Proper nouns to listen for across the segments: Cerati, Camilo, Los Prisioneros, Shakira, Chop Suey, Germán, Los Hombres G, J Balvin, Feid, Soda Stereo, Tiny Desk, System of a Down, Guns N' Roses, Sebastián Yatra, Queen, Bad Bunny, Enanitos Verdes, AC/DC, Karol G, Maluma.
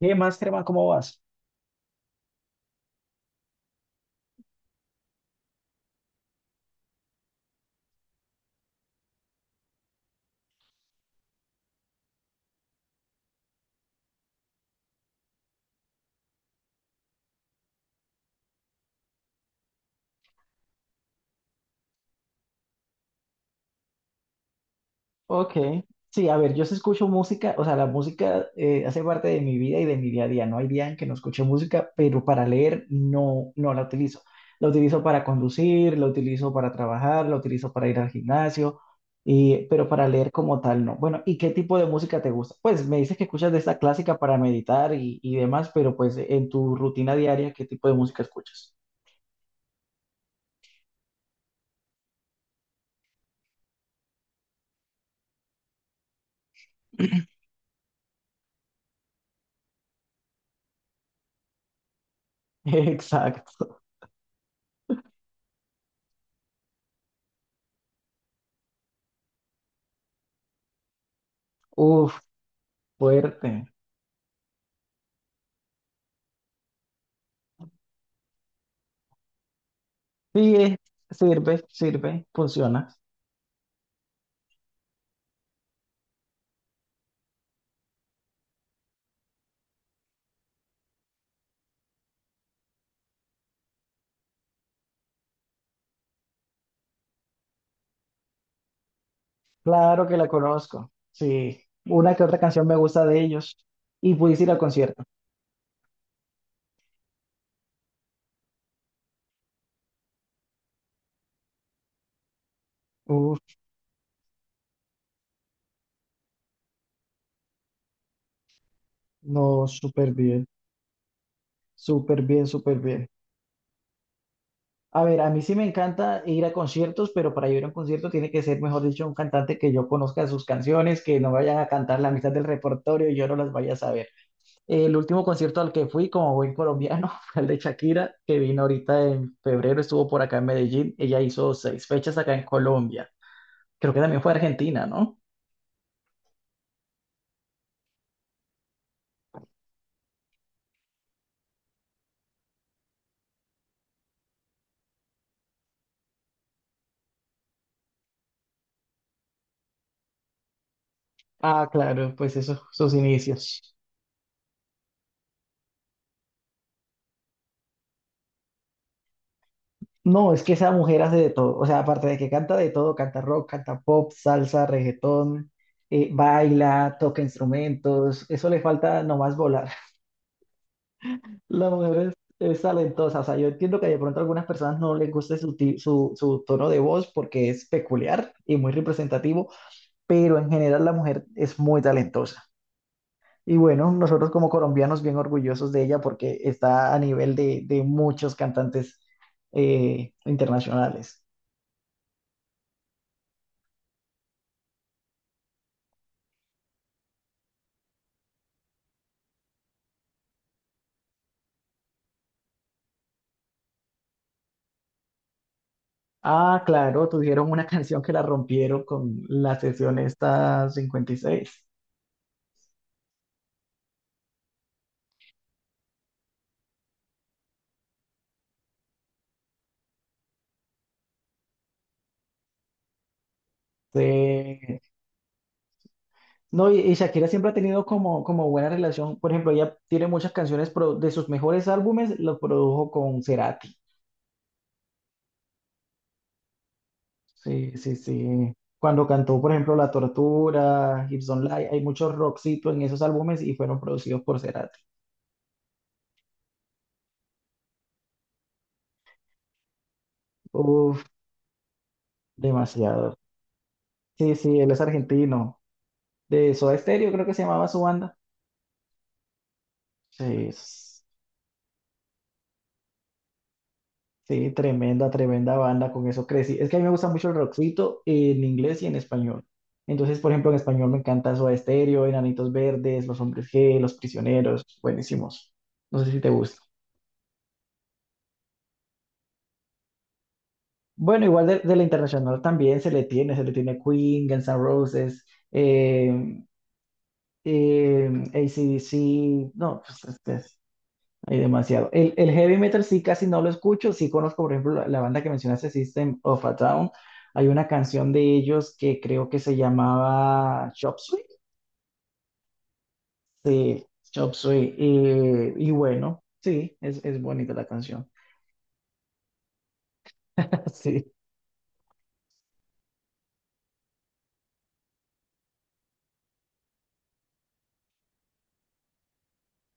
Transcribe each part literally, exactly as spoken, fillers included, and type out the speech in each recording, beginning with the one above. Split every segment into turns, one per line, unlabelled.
¿Qué más, Germán? ¿Cómo vas? Ok, sí, a ver, yo sí escucho música, o sea, la música eh, hace parte de mi vida y de mi día a día. No hay día en que no escuche música, pero para leer no, no la utilizo. La utilizo para conducir, la utilizo para trabajar, la utilizo para ir al gimnasio, y, pero para leer como tal no. Bueno, ¿y qué tipo de música te gusta? Pues me dices que escuchas de esta clásica para meditar y, y demás, pero pues en tu rutina diaria, ¿qué tipo de música escuchas? Exacto. Uf, fuerte. Sí, eh, sirve, sirve, funciona. Claro que la conozco. Sí, una que otra canción me gusta de ellos. Y pude ir al concierto. Uf, no, súper bien, súper bien, súper bien. A ver, a mí sí me encanta ir a conciertos, pero para ir a un concierto tiene que ser, mejor dicho, un cantante que yo conozca sus canciones, que no vayan a cantar la mitad del repertorio y yo no las vaya a saber. El último concierto al que fui como buen colombiano fue el de Shakira, que vino ahorita en febrero, estuvo por acá en Medellín. Ella hizo seis fechas acá en Colombia. Creo que también fue a Argentina, ¿no? Ah, claro, pues esos sus inicios. No, es que esa mujer hace de todo. O sea, aparte de que canta de todo, canta rock, canta pop, salsa, reggaetón, eh, baila, toca instrumentos. Eso le falta nomás volar. La mujer es, es talentosa, o sea, yo entiendo que de pronto a algunas personas no les guste su, ti- su, su tono de voz porque es peculiar y muy representativo, pero en general la mujer es muy talentosa. Y bueno, nosotros como colombianos bien orgullosos de ella porque está a nivel de, de muchos cantantes eh, internacionales. Ah, claro, tuvieron una canción que la rompieron con la sesión esta cincuenta y seis. No, y, y Shakira siempre ha tenido como, como buena relación. Por ejemplo, ella tiene muchas canciones pro- de sus mejores álbumes, los produjo con Cerati. Sí, sí, sí. Cuando cantó, por ejemplo, La Tortura, Hips Don't Lie, hay muchos rockcitos en esos álbumes y fueron producidos por Cerati. Uf, demasiado. Sí, sí, él es argentino. De Soda Stereo creo que se llamaba su banda. Sí. Sí, tremenda, tremenda banda, con eso crecí. Es que a mí me gusta mucho el rockcito en inglés y en español. Entonces, por ejemplo, en español me encanta Soda Stereo, Enanitos Verdes, Los Hombres G, Los Prisioneros, buenísimos. No sé si te gusta. Bueno, igual de, de la internacional también se le tiene, se le tiene Queen, Guns N' Roses, eh, eh, A C/D C, no, pues este, hay demasiado. El, el heavy metal sí casi no lo escucho. Sí conozco, por ejemplo, la, la banda que mencionaste, System of a Down. Hay una canción de ellos que creo que se llamaba Chop Suey. Sí, Chop Suey. Eh, y bueno, sí, es, es bonita la canción. Sí.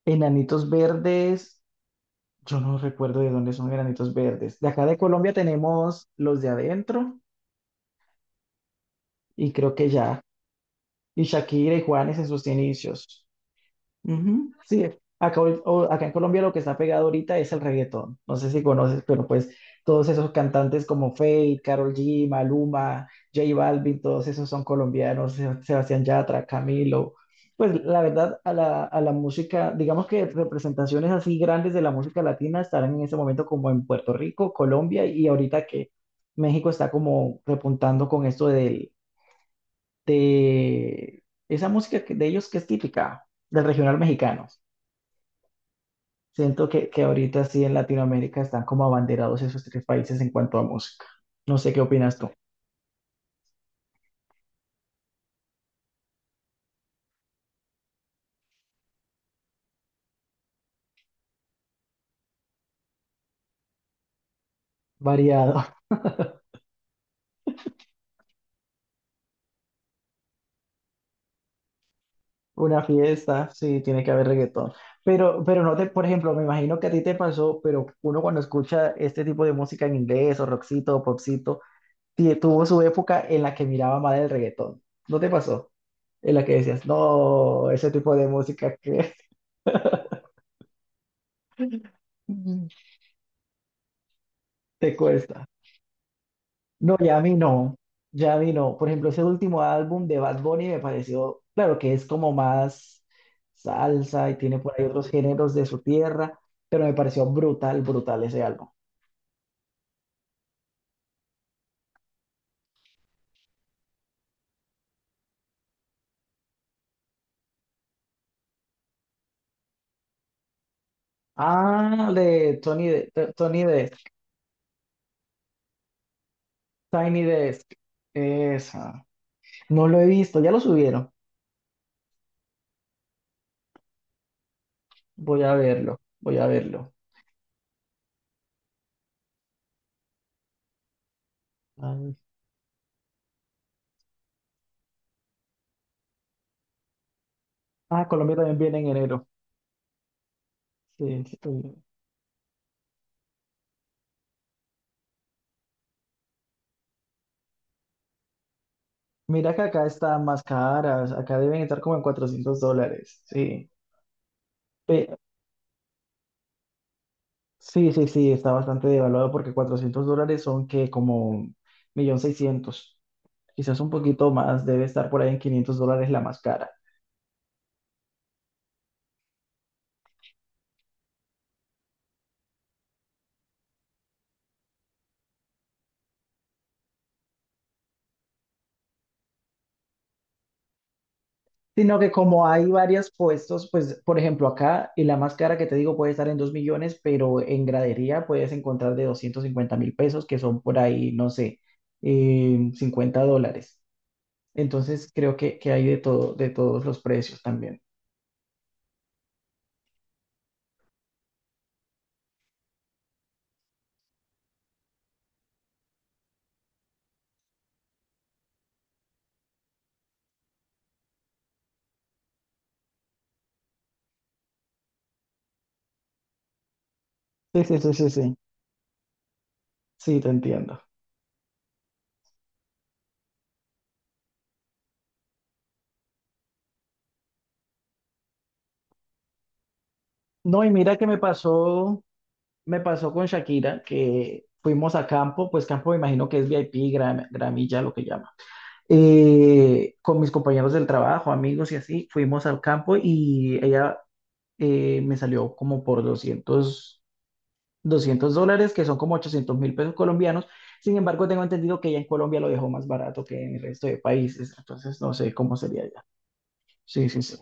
Enanitos Verdes. Yo no recuerdo de dónde son Enanitos Verdes. De acá de Colombia tenemos los de adentro y creo que ya. Y Shakira y Juanes en sus inicios. Ujú. Sí, acá, ahor- o- acá en Colombia lo que está pegado ahorita es el reggaetón. No sé si conoces, pero pues todos esos cantantes como Feid, Karol G, Maluma, J Balvin, todos esos son colombianos, Seb- Sebastián Yatra, Camilo. Pues la verdad, a la, a la música, digamos que representaciones así grandes de la música latina estarán en ese momento como en Puerto Rico, Colombia y ahorita que México está como repuntando con esto de, de esa música que- de ellos que es típica del regional mexicano. Siento que, que ahorita sí en Latinoamérica están como abanderados esos tres países en cuanto a música. No sé qué opinas tú. Variado, una fiesta, sí, tiene que haber reggaetón. Pero, pero no te, por ejemplo, me imagino que a ti te pasó, pero uno cuando escucha este tipo de música en inglés o rockcito o popcito, ti- tuvo su época en la que miraba mal el reggaetón. ¿No te pasó? En la que decías, no, ese tipo de música que te cuesta. No, ya a mí no, ya a mí no. Por ejemplo, ese último álbum de Bad Bunny me pareció, claro que es como más salsa y tiene por ahí otros géneros de su tierra, pero me pareció brutal, brutal ese álbum. Ah, de Tony, de, Tony Desk, Tiny Desk, esa. No lo he visto, ya lo subieron. Voy a verlo, voy a verlo. Ay. Ah, Colombia también viene en enero. Sí, sí, sí. Mira que acá están más caras, acá deben estar como en cuatrocientos dólares, sí. Pe- sí, sí, sí, está bastante devaluado porque cuatrocientos dólares son que como un millón seiscientos, quizás un poquito más, debe estar por ahí en quinientos dólares la más cara. Sino que como hay varios puestos, pues por ejemplo acá, y la más cara que te digo puede estar en dos millones, pero en gradería puedes encontrar de doscientos cincuenta mil pesos, que son por ahí, no sé, eh, cincuenta dólares. Entonces creo que, que hay de todo, de todos los precios también. Sí, sí, sí, sí, sí, sí, te entiendo. No, y mira que me pasó. Me pasó con Shakira, que fuimos a campo, pues campo me imagino que es V I P, gram- gramilla, lo que llama. Eh, con mis compañeros del trabajo, amigos y así, fuimos al campo y ella eh, me salió como por doscientos, doscientos dólares, que son como ochocientos mil pesos colombianos. Sin embargo, tengo entendido que ella en Colombia lo dejó más barato que en el resto de países, entonces no sé cómo sería ya. Sí, sí, sí.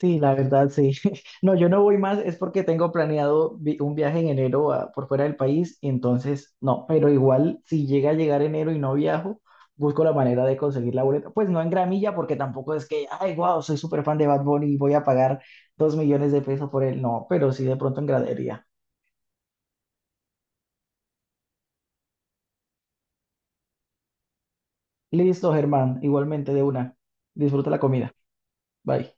Sí, la verdad, sí. No, yo no voy más, es porque tengo planeado vi- un viaje en enero a- por fuera del país, entonces no, pero igual si llega a llegar enero y no viajo, busco la manera de conseguir la boleta. Pues no en gramilla, porque tampoco es que, ay, wow, soy súper fan de Bad Bunny y voy a pagar dos millones de pesos por él. No, pero sí de pronto en gradería. Listo, Germán, igualmente de una. Disfruta la comida. Bye.